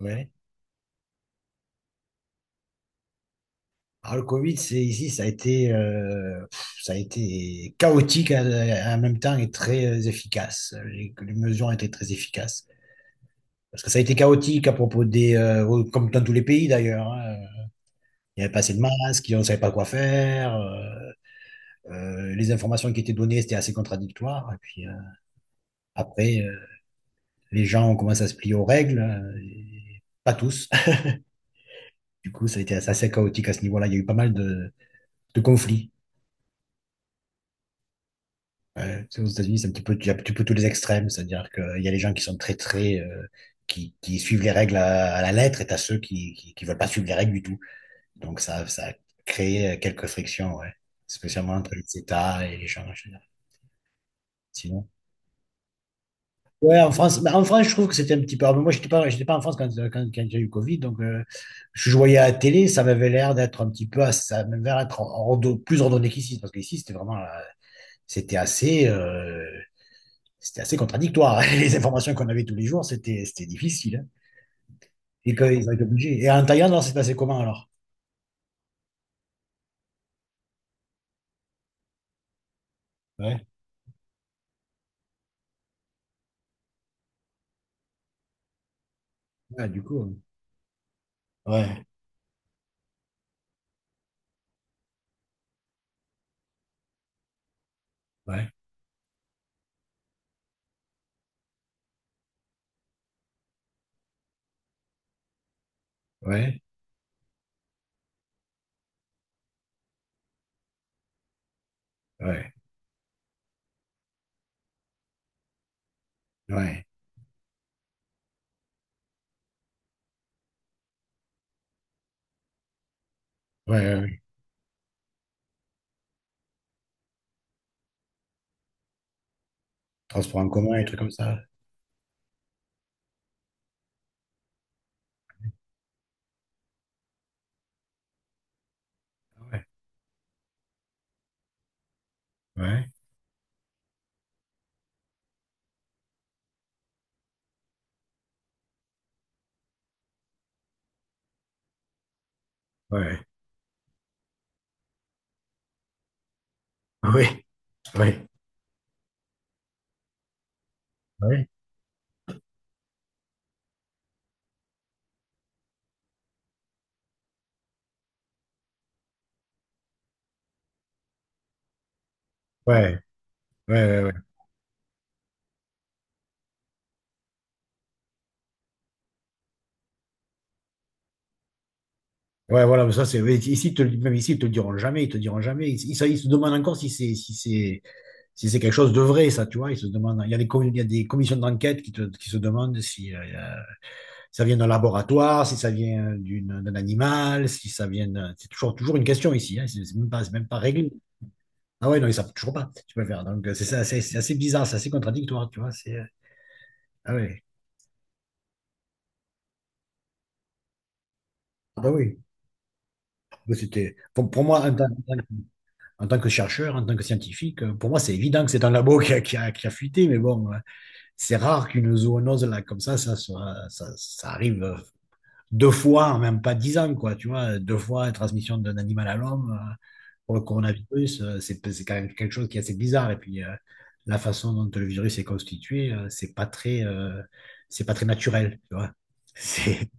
Ouais. Alors, le Covid, c'est ici, ça a été chaotique en même temps et très efficace. Les mesures ont été très efficaces. Parce que ça a été chaotique à propos comme dans tous les pays d'ailleurs, hein. Il n'y avait pas assez de masques, on ne savait pas quoi faire. Les informations qui étaient données, c'était assez contradictoire. Et puis après, les gens ont commencé à se plier aux règles. Et pas tous. Du coup, ça a été assez chaotique à ce niveau-là. Il y a eu pas mal de conflits. Ouais, c'est aux États-Unis, c'est un petit peu, tu as un petit peu tous les extrêmes, c'est-à-dire qu'il y a les gens qui sont très, très, qui suivent les règles à la lettre et t'as ceux qui veulent pas suivre les règles du tout. Donc ça a créé quelques frictions, ouais. Spécialement entre les États et les gens, en général. Sinon. Ouais, en France, bah, en France, je trouve que c'était un petit peu. Alors, moi, j'étais pas en France quand il y a eu Covid, donc je voyais à la télé, ça m'avait l'air d'être un petit peu, ça m'avait l'air d'être plus ordonné qu'ici, parce qu'ici, c'était assez. euh, c'était assez contradictoire. Les informations qu'on avait tous les jours, c'était difficile, hein. Et quand ils ont été obligés. Et en Thaïlande, alors, c'est passé comment alors? Ouais, ouais, du coup. Ouais, ouais, ouais, ouais, ouais, ouais, ouais. Ouais. Transport en commun, et trucs comme ça. Ouais, ouais, ouais, ouais, ouais, ouais, ouais. Ouais, ouais, ouais. Ouais, voilà, mais ça, c'est, mais ici, même ici, ils te le diront jamais, ils te le diront jamais. Ils se demandent encore si c'est quelque chose de vrai, ça, tu vois. Ils se demandent, il y a des, com- il y a des commissions d'enquête qui te, qui se demandent si, ça vient d'un laboratoire, si ça vient d'un animal, si ça vient C'est toujours, toujours une question ici, hein, c'est même pas, c'est même pas réglé. Ah ouais, non, ils savent toujours pas, tu peux le faire. Donc, c'est ça, c'est assez bizarre, c'est assez contradictoire, tu vois. Ah ouais, ah bah oui. Bah, pour moi, en tant que chercheur, en tant que scientifique, pour moi, c'est évident que c'est un labo qui a fuité, mais bon, c'est rare qu'une zoonose là, comme ça, soit, ça arrive deux fois en même pas dix ans, quoi, tu vois, deux fois la transmission d'un animal à l'homme. Pour le coronavirus, c'est quand même quelque chose qui est assez bizarre. Et puis, la façon dont le virus est constitué, c'est pas très naturel, tu vois. C'est,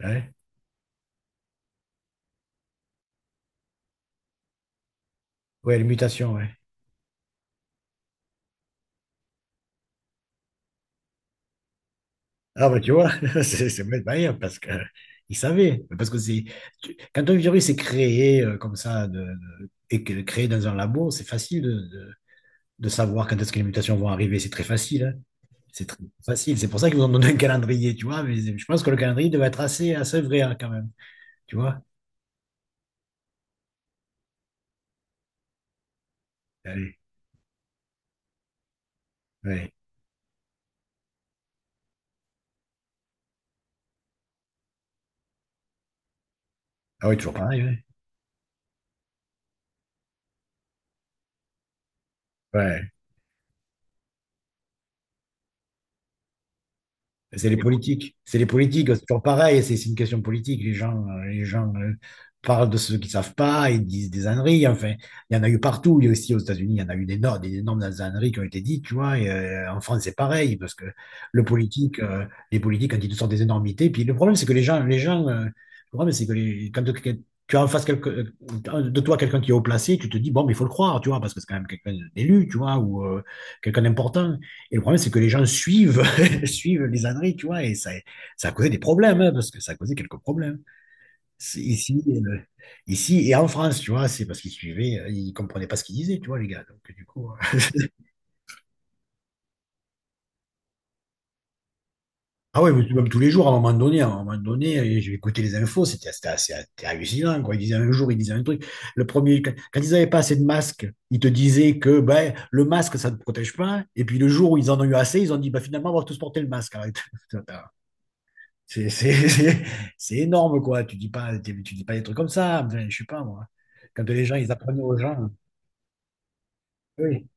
ouais, ouais, les mutations, ouais. Ah bah tu vois, c'est bête manière parce que ils savaient, parce que quand un virus est créé comme ça créé dans un labo, c'est facile de savoir quand est-ce que les mutations vont arriver, c'est très facile, hein. C'est très facile, c'est pour ça qu'ils vous ont donné un calendrier, tu vois, mais je pense que le calendrier devait être assez, assez vrai hein, quand même, tu vois. Allez, ouais. Ah oui, toujours pareil, ouais. Ouais, c'est les politiques. C'est les politiques. C'est toujours pareil. C'est une question politique. Les gens parlent de ceux qui savent pas et disent des âneries. Enfin, il y en a eu partout. Il y a aussi aux États-Unis, il y en a eu des, no- des énormes âneries qui ont été dites, tu vois. Et, en France, c'est pareil parce que le politique, euh, les politiques, quand ils te sortent des énormités, puis le problème, c'est que le problème, c'est que quand tu as en face de toi quelqu'un qui est haut placé, tu te dis, bon, mais il faut le croire, tu vois, parce que c'est quand même quelqu'un d'élu, tu vois, ou quelqu'un d'important. Et le problème, c'est que les gens suivent suivent les âneries, tu vois, et ça a causé des problèmes, hein, parce que ça a causé quelques problèmes. C'est Ici, euh, ici et en France, tu vois, c'est parce qu'ils suivaient, ils comprenaient pas ce qu'ils disaient, tu vois, les gars. Donc, du coup, Ah ouais, même tous les jours, à un moment donné, à un moment donné, j'ai écouté les infos, c'était hallucinant, quoi. Ils disaient un jour, ils disaient un truc. Le premier, quand ils n'avaient pas assez de masques, ils te disaient que ben, le masque, ça ne te protège pas. Et puis le jour où ils en ont eu assez, ils ont dit, bah, finalement, on va tous porter le masque. Arrête. C'est c'est- c'est- c'est énorme, quoi. Tu dis pas des trucs comme ça. Je sais pas, moi. Quand les gens, ils apprennent aux gens. Oui.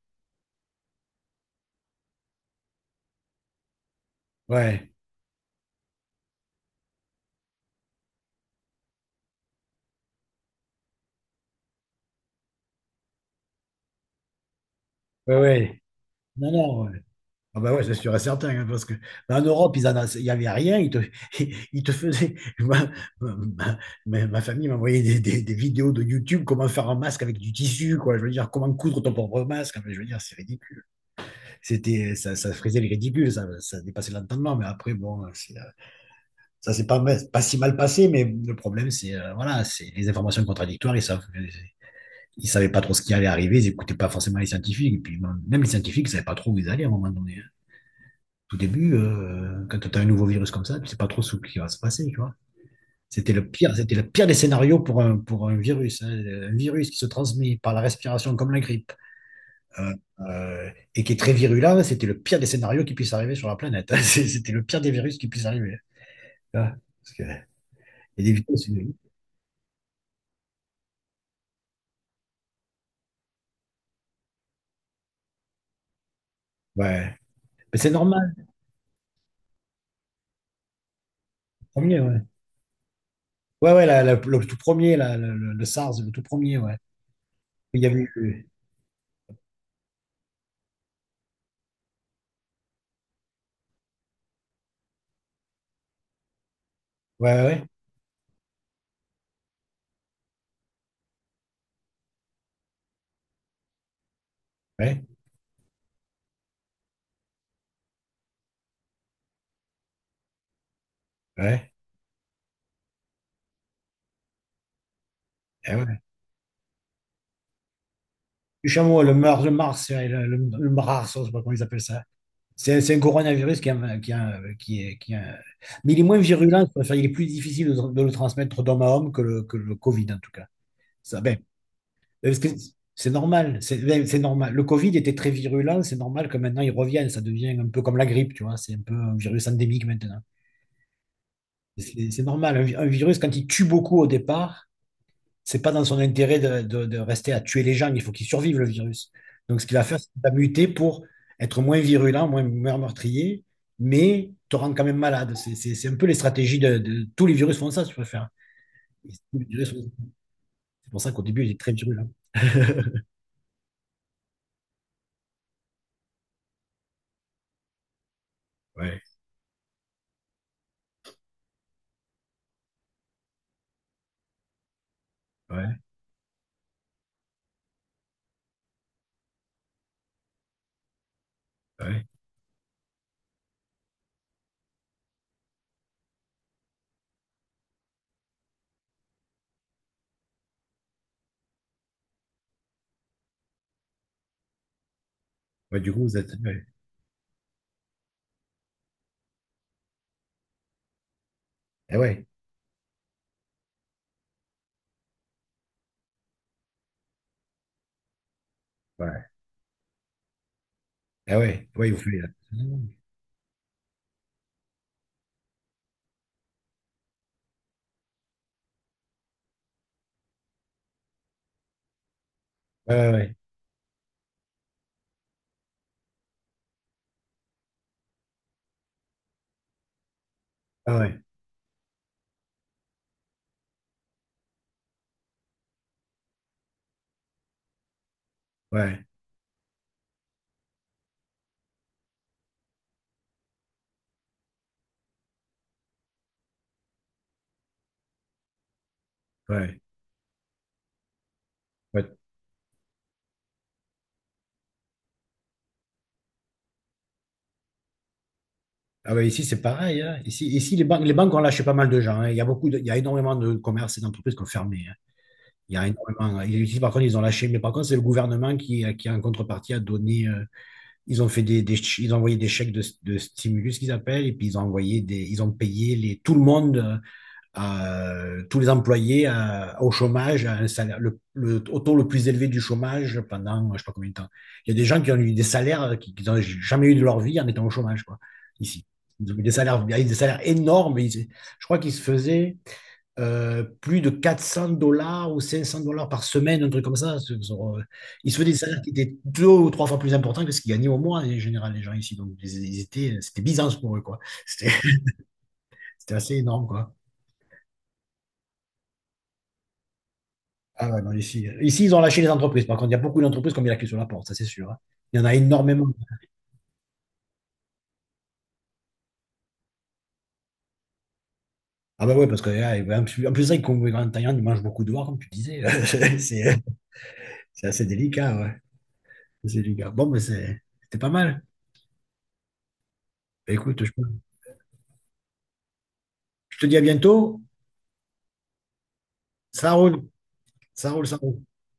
Ouais. Ouais, ouais. Non, non. Ouais. Ah bah ouais, c'est sûr et certain, hein, parce que bah, en Europe, il n'y avait rien. Ils te, ils te faisaient. Ma- ma famille m'envoyait des vidéos de YouTube, comment faire un masque avec du tissu, quoi. Je veux dire, comment coudre ton propre masque. Enfin, je veux dire, c'est ridicule. C'était, ça frisait le ridicule. Ça dépassait l'entendement. Mais après, bon, c'est. Ça s'est pas si mal passé, mais le problème, c'est voilà, c'est les informations contradictoires. Ils savaient pas trop ce qui allait arriver, ils n'écoutaient pas forcément les scientifiques. Et puis même les scientifiques ne savaient pas trop où ils allaient à un moment donné, hein. Tout début, quand tu as un nouveau virus comme ça, tu sais pas trop ce qui va se passer, tu vois. C'était le pire des scénarios pour un virus, hein. Un virus qui se transmet par la respiration comme la grippe euh, et qui est très virulent, c'était le pire des scénarios qui puisse arriver sur la planète, hein. C'était le pire des virus qui puisse arriver, hein, tu vois. Parce que, il y a des virus, ouais. Mais c'est normal, le premier, ouais. Ouais, ouais, le tout premier, le SARS, le tout premier, ouais. Il y avait eu. Ouais, ouais, ouais, ouais. Ouais, eh ouais. Le chameau, le mars, ouais, le mars, je sais pas comment ils appellent ça. C'est un coronavirus qui, est qui, est qui est, qui est Mais il est moins virulent, quoi. Enfin, il est plus difficile de le transmettre d'homme à homme que le Covid, en tout cas. Ça, ben, parce que c'est normal, c'est ben, c'est normal. Le Covid était très virulent, c'est normal que maintenant il revienne. Ça devient un peu comme la grippe, tu vois. C'est un peu un virus endémique maintenant. C'est normal. Un virus, quand il tue beaucoup au départ, c'est pas dans son intérêt de rester à tuer les gens. Il faut qu'il survive, le virus. Donc, ce qu'il va faire, c'est qu'il va muter pour être moins virulent, moins, moins meurtrier, mais te rendre quand même malade. C'est un peu les stratégies Tous les virus font ça, si tu préfères. Et tous les virus C'est pour ça qu'au début, il est très virulent. Ouais, ouais, ouais. Ouais, du coup, vous êtes. Ouais. Eh ouais, ouais. Eh ouais, ouais, vous faites. Ouais, ouais, ouais. Ah ouais, ouais, ouais. Ouais. Ah ouais, ici, c'est pareil, hein. Ici, ici les banques ont lâché pas mal de gens, hein. Il y a beaucoup il y a énormément de commerces et d'entreprises qui ont fermé, hein. Il y a énormément. Ici, par contre, ils ont lâché. Mais par contre, c'est le gouvernement qui, en contrepartie, a donné. Ils ont fait ils ont envoyé des chèques de stimulus qu'ils appellent, et puis ils ont payé tout le monde. Tous les employés au chômage, à un salaire, au taux le plus élevé du chômage pendant je ne sais pas combien de temps. Il y a des gens qui ont eu des salaires qu'ils qui n'ont jamais eu de leur vie en étant au chômage, quoi, ici. Ils ont eu des salaires énormes. Je crois qu'ils se faisaient plus de $400 ou $500 par semaine, un truc comme ça. euh, Ils se faisaient des salaires qui étaient deux ou trois fois plus importants que ce qu'ils gagnaient au mois, en général, les gens ici. Donc, ils étaient, c'était Byzance pour eux, quoi. C'était c'était assez énorme, quoi. Ah ouais, non, ici, ici, ils ont lâché les entreprises. Par contre, il y a beaucoup d'entreprises qui ont mis la clé sur la porte, ça c'est sûr, hein. Il y en a énormément. Ah bah ouais, parce que ah, et ben, en plus, c'est vrai qu'en Thaïlande, ils mangent beaucoup dehors, comme tu disais. C'est c'est assez délicat, ouais. C'est délicat. Bon, mais c'était pas mal. Bah, écoute, je te dis à bientôt. Ça roule. Ça roule, ça roule.